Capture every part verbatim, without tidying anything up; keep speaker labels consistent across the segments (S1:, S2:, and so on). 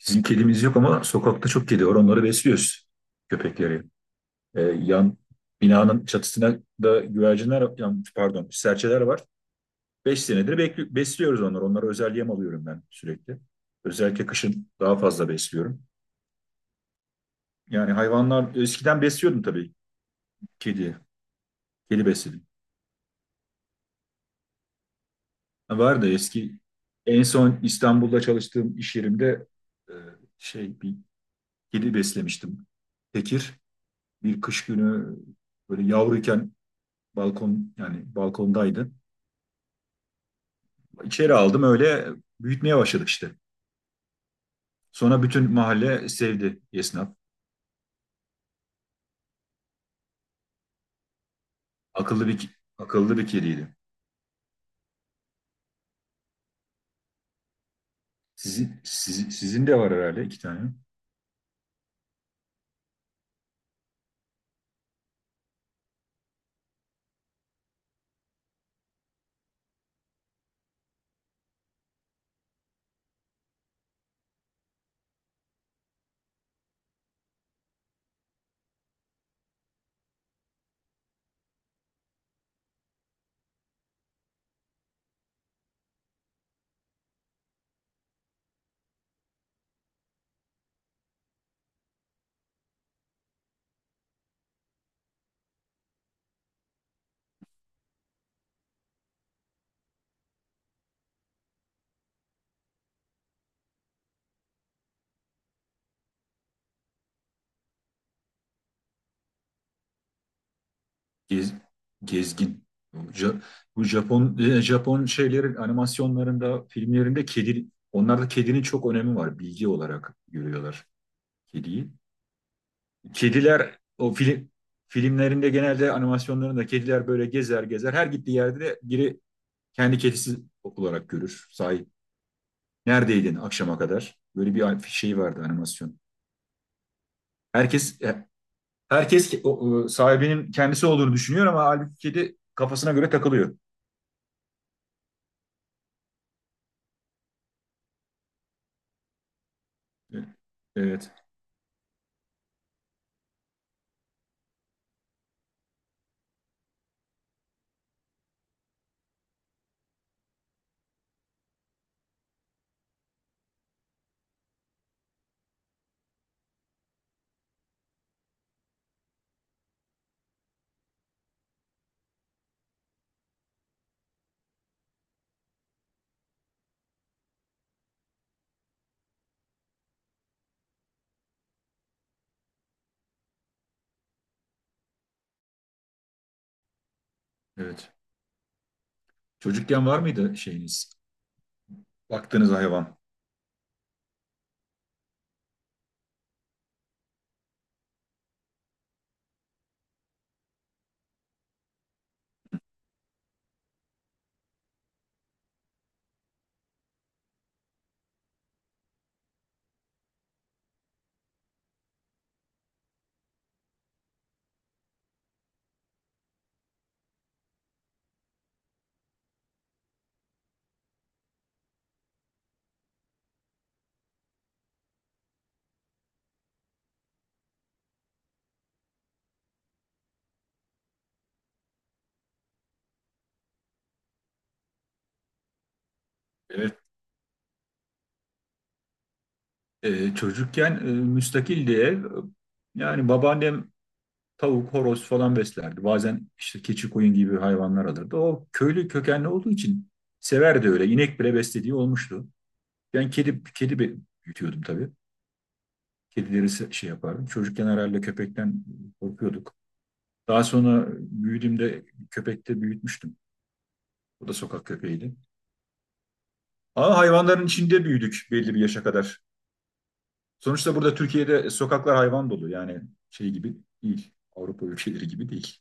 S1: Bizim kedimiz yok ama sokakta çok kedi var. Onları besliyoruz. Köpekleri. Ee, yan binanın çatısına da güvercinler, yan- pardon, serçeler var. Beş senedir bekli- besliyoruz onları. Onlara özel yem alıyorum ben sürekli. Özellikle kışın daha fazla besliyorum. Yani hayvanlar eskiden besliyordum tabii kedi. Kedi besledim. Var da eski. En son İstanbul'da çalıştığım iş yerimde e, şey bir kedi beslemiştim. Tekir bir kış günü böyle yavruyken balkon, yani balkondaydı. İçeri aldım, öyle büyütmeye başladık işte. Sonra bütün mahalle sevdi, esnaf. Akıllı bir Akıllı bir kediydi. Sizin sizin, sizin de var herhalde iki tane. Gez, Gezgin. Bu Ja- Bu Japon e, Japon şeylerin animasyonlarında, filmlerinde kedi, onlarda kedinin çok önemi var. Bilgi olarak görüyorlar kediyi. Kediler o film filmlerinde, genelde animasyonlarında, kediler böyle gezer gezer, her gittiği yerde de biri kendi kedisi olarak görür, sahip. Neredeydin akşama kadar? Böyle bir şey vardı, animasyon. Herkes e, herkes ke- o- e, sahibinin kendisi olduğunu düşünüyor ama halbuki kedi kafasına göre takılıyor. E, Evet, evet. Çocukken var mıydı şeyiniz? Baktığınız hayvan. Evet. E, çocukken e, müstakildi ev. Yani babaannem tavuk, horoz falan beslerdi. Bazen işte keçi, koyun gibi hayvanlar alırdı. O köylü kökenli olduğu için severdi öyle. İnek bile beslediği olmuştu. Ben kedi kedi be- büyütüyordum tabii. Kedileri şey yapardım. Çocukken herhalde köpekten korkuyorduk. Daha sonra büyüdüğümde köpekte büyütmüştüm. O da sokak köpeğiydi. Ama hayvanların içinde büyüdük belli bir yaşa kadar. Sonuçta burada Türkiye'de sokaklar hayvan dolu. Yani şey gibi değil. Avrupa ülkeleri gibi değil.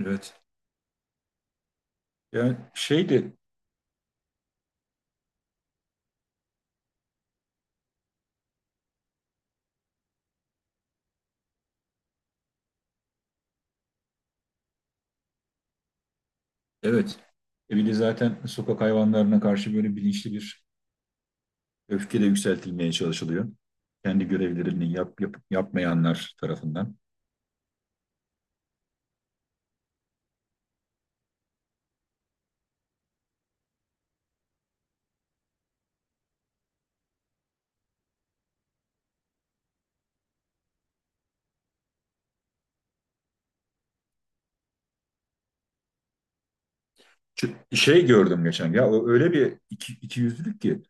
S1: Evet. Yani şeydi. Evet. E bir de zaten sokak hayvanlarına karşı böyle bilinçli bir öfke de yükseltilmeye çalışılıyor. Kendi görevlerini yap, yap- yapmayanlar tarafından. Ç- Şey gördüm geçen ya, o öyle bir iki, ikiyüzlülük ki.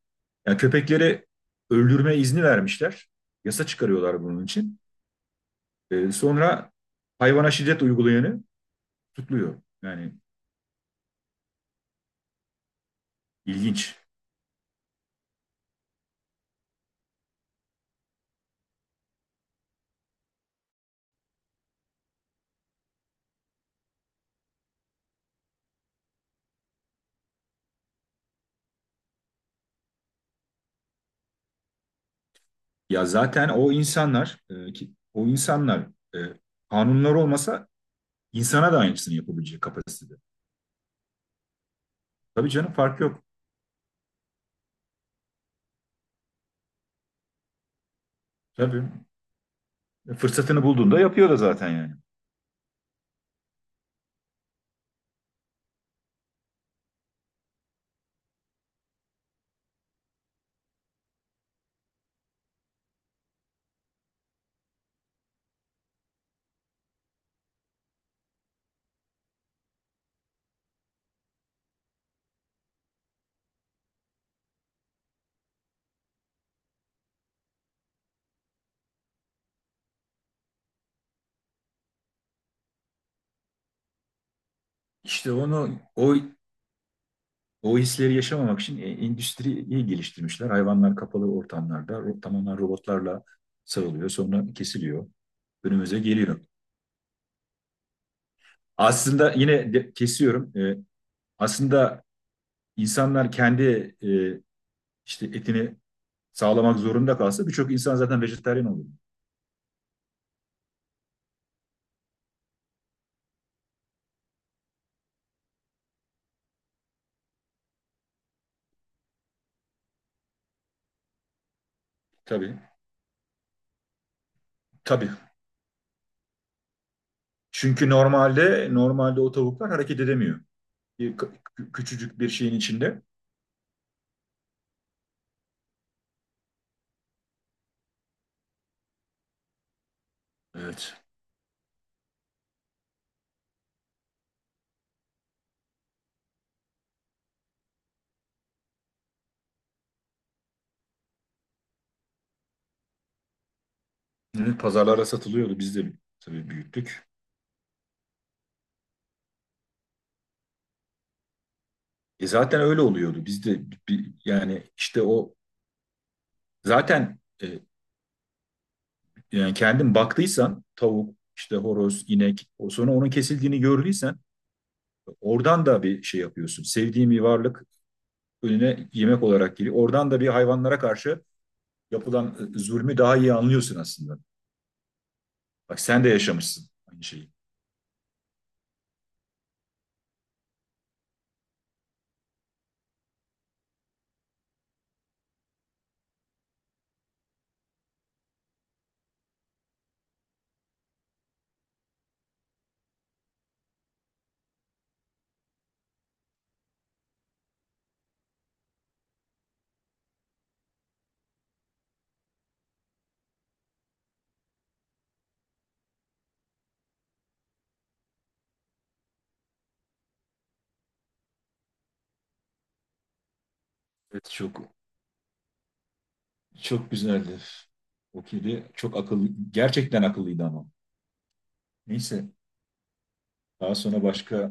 S1: Yani köpekleri öldürme izni vermişler. Yasa çıkarıyorlar bunun için. Ee, sonra hayvana şiddet uygulayanı tutuyor. Yani ilginç. Ya zaten o insanlar e, ki, o insanlar e, kanunlar olmasa insana da aynısını yapabilecek kapasitede. Tabii canım, fark yok. Tabii fırsatını bulduğunda yapıyor da zaten yani. İşte onu o, o hisleri yaşamamak için e, endüstriyi geliştirmişler. Hayvanlar kapalı ortamlarda ro- tamamen robotlarla sarılıyor. Sonra kesiliyor. Önümüze geliyor. Aslında yine de- kesiyorum. E, aslında insanlar kendi e, işte etini sağlamak zorunda kalsa birçok insan zaten vejetaryen olur. Tabii. Tabii. Çünkü normalde normalde o tavuklar hareket edemiyor. Bir, k- Küçücük bir şeyin içinde. Evet. Evet, pazarlara satılıyordu. Biz de tabii büyüttük. E zaten öyle oluyordu. Biz de bi- yani işte o zaten e, yani kendin baktıysan tavuk, işte horoz, inek, o sonra onun kesildiğini gördüysen oradan da bir şey yapıyorsun. Sevdiğin bir varlık önüne yemek olarak geliyor. Oradan da bir hayvanlara karşı yapılan e, zulmü daha iyi anlıyorsun aslında. Bak sen de yaşamışsın aynı şeyi. Evet çok çok güzeldi. O kedi çok akıllı, gerçekten akıllıydı ama. Neyse, daha sonra başka,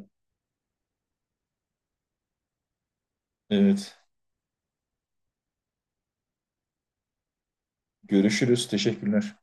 S1: evet, görüşürüz. Teşekkürler.